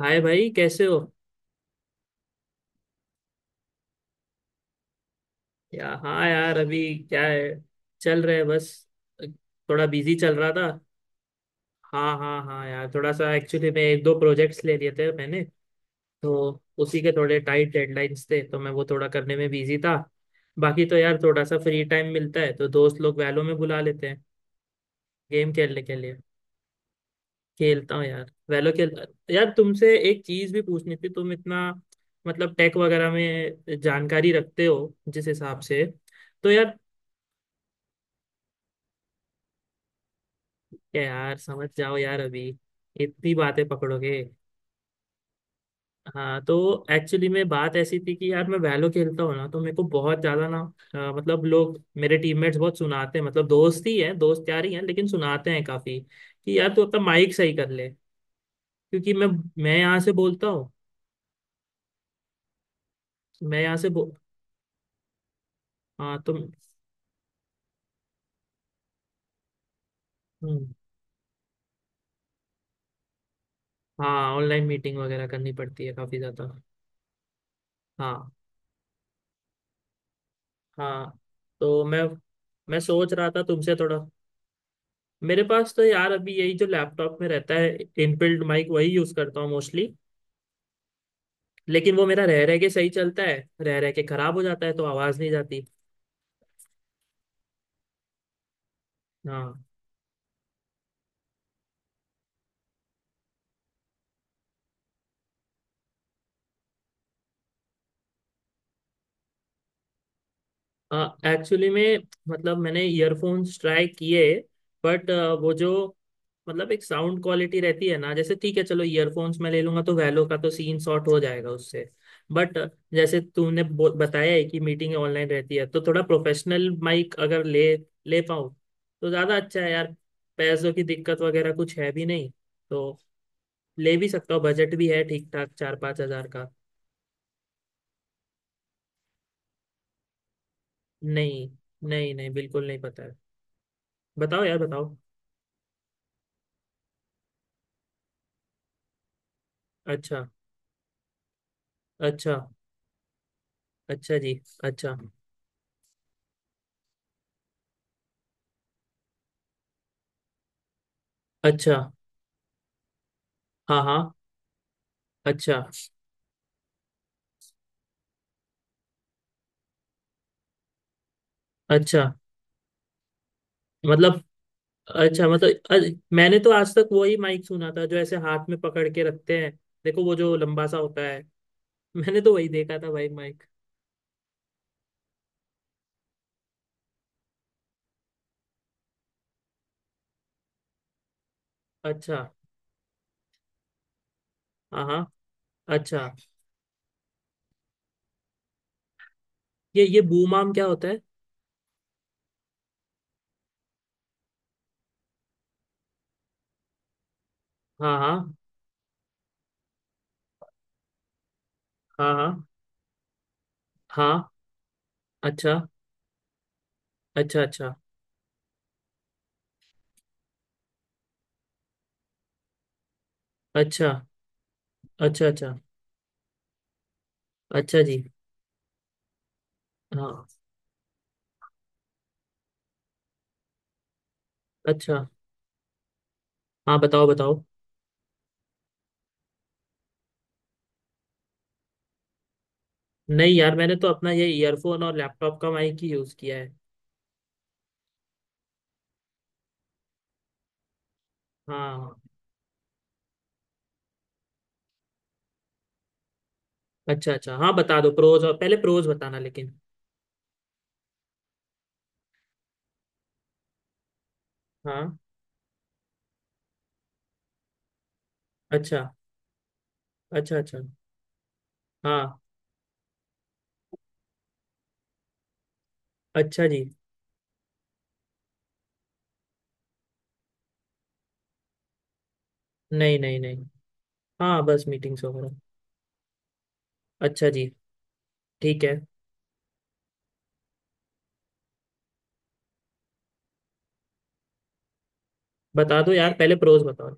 हाय भाई, कैसे हो? या हाँ यार, अभी क्या है, चल रहे है बस। थोड़ा बिजी चल रहा था। हाँ हाँ हाँ यार, थोड़ा सा एक्चुअली मैं एक दो प्रोजेक्ट्स ले लिए थे मैंने। तो उसी के थोड़े टाइट डेडलाइंस थे, तो मैं वो थोड़ा करने में बिजी था। बाकी तो यार थोड़ा सा फ्री टाइम मिलता है तो दोस्त लोग वैलो में बुला लेते हैं गेम खेलने के लिए। खेलता हूँ यार, वैलो खेल। यार तुमसे एक चीज भी पूछनी थी, तुम इतना मतलब टेक वगैरह में जानकारी रखते हो जिस हिसाब से। तो यार, क्या यार, समझ जाओ यार, अभी इतनी बातें पकड़ोगे? हाँ तो एक्चुअली में बात ऐसी थी कि यार मैं वैलो खेलता हूँ ना, तो मेरे को बहुत ज्यादा ना मतलब लोग, मेरे टीममेट्स बहुत सुनाते हैं, मतलब दोस्त ही हैं, दोस्त यार ही हैं, लेकिन सुनाते हैं काफी कि यार तू अपना माइक सही कर ले, क्योंकि मैं यहाँ से बोलता हूँ। मैं यहाँ से बो। हाँ तो हम्म, हाँ ऑनलाइन मीटिंग वगैरह करनी पड़ती है काफी ज्यादा। हाँ हाँ तो मैं सोच रहा था तुमसे थोड़ा। मेरे पास तो यार अभी यही जो लैपटॉप में रहता है, इनबिल्ट माइक वही यूज करता हूँ मोस्टली। लेकिन वो मेरा रह रह के सही चलता है, रह रह के खराब हो जाता है तो आवाज नहीं जाती। हाँ, एक्चुअली में मतलब मैंने ईयरफोन्स ट्राई किए, बट वो जो मतलब एक साउंड क्वालिटी रहती है ना, जैसे ठीक है चलो ईयरफोन्स मैं ले लूंगा तो वैलो का तो सीन शॉर्ट हो जाएगा उससे। बट जैसे तूने बताया है कि मीटिंग ऑनलाइन रहती है, तो थोड़ा प्रोफेशनल माइक अगर ले ले पाऊँ तो ज़्यादा अच्छा है यार। पैसों की दिक्कत वगैरह कुछ है भी नहीं, तो ले भी सकता हूँ। बजट भी है ठीक ठाक, 4-5 हज़ार का। नहीं नहीं नहीं, बिल्कुल नहीं पता है। बताओ यार, बताओ। अच्छा। अच्छा। अच्छा जी। अच्छा। अच्छा। हाँ हाँ। अच्छा। अच्छा मतलब अच्छा मतलब मैंने तो आज तक वही माइक सुना था जो ऐसे हाथ में पकड़ के रखते हैं। देखो, वो जो लंबा सा होता है। मैंने तो वही देखा था भाई, माइक। अच्छा। हाँ हाँ। अच्छा, ये बूम आर्म क्या होता है? हाँ हाँ। हाँ हाँ। हाँ। अच्छा। अच्छा अच्छा। अच्छा। अच्छा। अच्छा। अच्छा जी। हाँ। अच्छा। हाँ, बताओ बताओ। नहीं यार, मैंने तो अपना ये ईयरफोन और लैपटॉप का माइक ही यूज किया है। हाँ। अच्छा अच्छा, हाँ बता दो प्रोज, और पहले प्रोज बताना लेकिन। हाँ। अच्छा अच्छा। अच्छा। हाँ। अच्छा जी। नहीं नहीं नहीं। हाँ, बस मीटिंग्स वगैरह। अच्छा जी, ठीक है। बता दो यार, पहले प्रोज बताओ।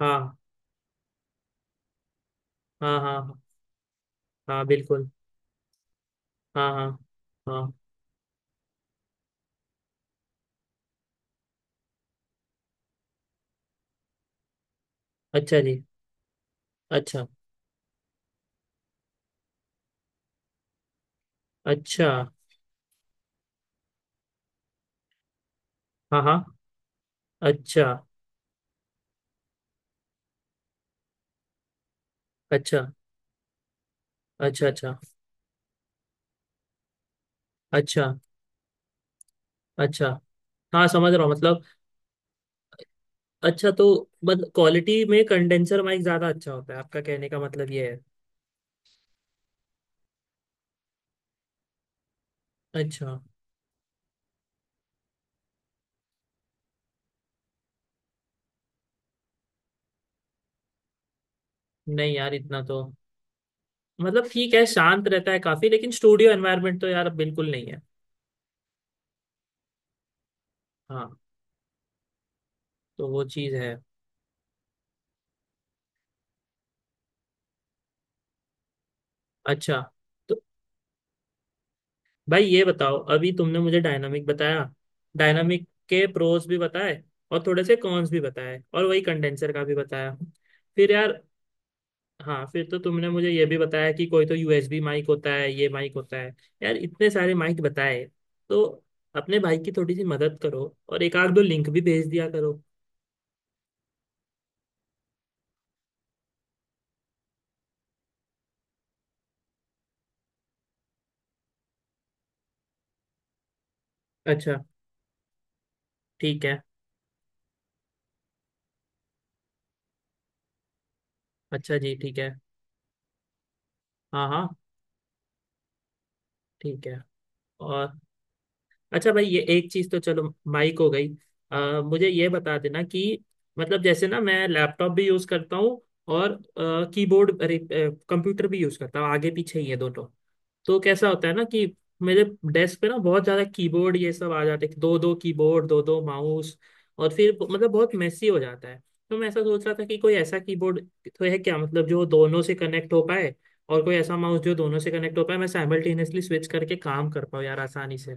हाँ हाँ हाँ। हाँ, हाँ, बिल्कुल। हाँ हाँ हाँ। अच्छा जी। अच्छा। अच्छा। हाँ हाँ। अच्छा अच्छा। अच्छा। अच्छा। अच्छा। अच्छा। हाँ समझ रहा हूँ, मतलब अच्छा तो बट क्वालिटी में कंडेंसर माइक ज़्यादा अच्छा होता है, आपका कहने का मतलब ये है? अच्छा। नहीं यार इतना तो मतलब ठीक है, शांत रहता है काफी, लेकिन स्टूडियो एनवायरनमेंट तो यार अब बिल्कुल नहीं है। हाँ, तो वो चीज है। अच्छा। तो भाई ये बताओ, अभी तुमने मुझे डायनामिक बताया, डायनामिक के प्रोस भी बताए, और थोड़े से कॉन्स भी बताए, और वही कंडेंसर का भी बताया। फिर यार, हाँ फिर तो तुमने मुझे ये भी बताया कि कोई तो यूएसबी माइक होता है, ये माइक होता है, यार इतने सारे माइक बताए। तो अपने भाई की थोड़ी सी मदद करो और एक आध दो लिंक भी भेज दिया करो। अच्छा। ठीक है। अच्छा जी, ठीक है। हाँ हाँ। ठीक है। और अच्छा भाई, ये एक चीज तो चलो, माइक हो गई। मुझे ये बता देना कि मतलब जैसे ना मैं लैपटॉप भी यूज करता हूँ, और कीबोर्ड अरे, कंप्यूटर भी यूज करता हूँ। आगे पीछे ही है दोनों। तो कैसा होता है ना कि मेरे डेस्क पे ना बहुत ज्यादा कीबोर्ड ये सब आ जाते हैं, दो दो कीबोर्ड, दो दो माउस, और फिर मतलब बहुत मेसी हो जाता है। तो मैं ऐसा सोच रहा था कि कोई ऐसा कीबोर्ड तो है क्या, मतलब जो दोनों से कनेक्ट हो पाए, और कोई ऐसा माउस जो दोनों से कनेक्ट हो पाए, मैं साइमल्टेनियसली स्विच करके काम कर पाऊँ यार आसानी से।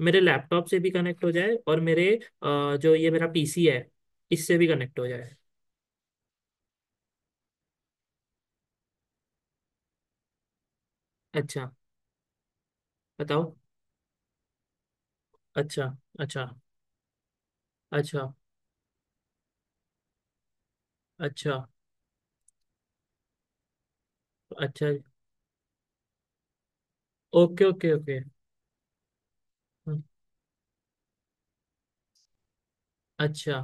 मेरे लैपटॉप से भी कनेक्ट हो जाए और मेरे जो ये मेरा पीसी है, इससे भी कनेक्ट हो जाए। अच्छा, बताओ। अच्छा। अच्छा। अच्छा। अच्छा। अच्छा। Okay okay okay. हम्म, अच्छा।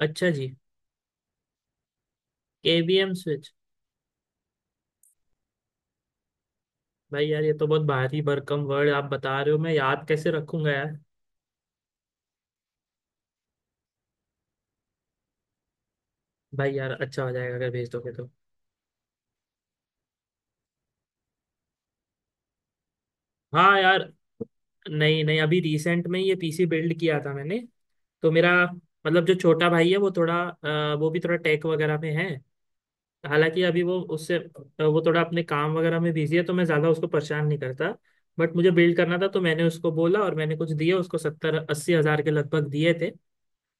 अच्छा जी। KVM switch? भाई यार, ये तो बहुत भारी भरकम वर्ड आप बता रहे हो, मैं याद कैसे रखूंगा यार? भाई यार अच्छा हो जाएगा अगर भेज दोगे तो। हाँ यार। नहीं नहीं, अभी रिसेंट में ही ये पीसी बिल्ड किया था मैंने। तो मेरा मतलब जो छोटा भाई है वो थोड़ा वो भी थोड़ा टेक वगैरह में है। हालांकि अभी वो उससे वो थोड़ा अपने काम वगैरह में बिजी है, तो मैं ज्यादा उसको परेशान नहीं करता। बट मुझे बिल्ड करना था तो मैंने उसको बोला और मैंने कुछ दिया उसको, 70-80 हज़ार के लगभग दिए थे।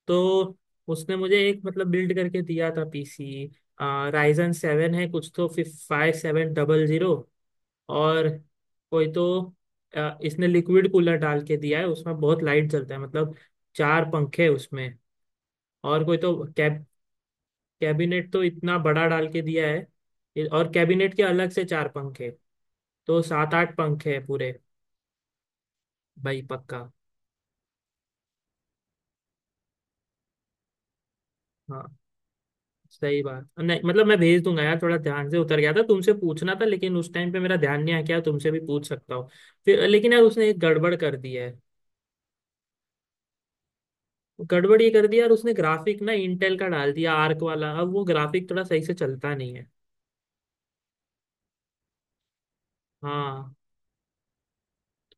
तो उसने मुझे एक मतलब बिल्ड करके दिया था पीसी। राइजन 7 है कुछ तो, 5700, और कोई तो इसने लिक्विड कूलर डाल के दिया है, उसमें बहुत लाइट जलता है मतलब। चार पंखे हैं उसमें, और कोई तो कैबिनेट तो इतना बड़ा डाल के दिया है। और कैबिनेट के अलग से चार पंखे, तो सात आठ पंखे हैं पूरे। भाई पक्का। हाँ, सही बात नहीं। मतलब मैं भेज दूंगा यार, थोड़ा ध्यान से उतर गया था, तुमसे पूछना था लेकिन उस टाइम पे मेरा ध्यान नहीं आया। क्या तुमसे भी पूछ सकता हूँ फिर? लेकिन यार, उसने एक गड़बड़ कर दी है। गड़बड़ ये कर दिया यार उसने, ग्राफिक ना इंटेल का डाल दिया आर्क वाला, अब वो ग्राफिक थोड़ा सही से चलता नहीं है। हाँ।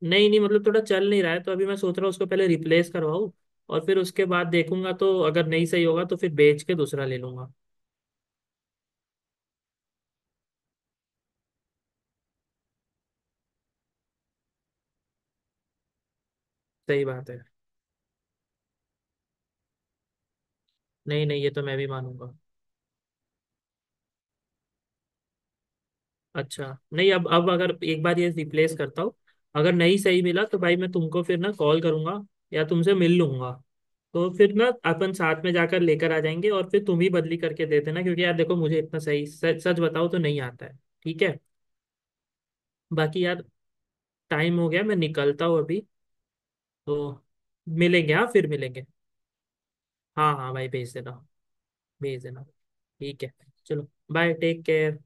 नहीं नहीं, मतलब थोड़ा चल नहीं रहा है, तो अभी मैं सोच रहा हूँ उसको पहले रिप्लेस करवाऊँ, और फिर उसके बाद देखूंगा। तो अगर नहीं सही होगा तो फिर बेच के दूसरा ले लूंगा। सही बात है। नहीं नहीं, ये तो मैं भी मानूंगा। अच्छा नहीं, अब अब अगर एक बार ये रिप्लेस करता हूँ, अगर नहीं सही मिला तो भाई मैं तुमको फिर ना कॉल करूंगा, या तुमसे मिल लूंगा। तो फिर ना अपन साथ में जाकर लेकर आ जाएंगे, और फिर तुम ही बदली करके दे देना, क्योंकि यार देखो मुझे इतना सही सच सच बताओ तो नहीं आता है, ठीक है। बाकी यार, टाइम हो गया, मैं निकलता हूँ अभी। तो मिलेंगे, हाँ फिर मिलेंगे। हाँ हाँ भाई, भेज देना। भेज देना। ठीक है, चलो बाय, टेक केयर।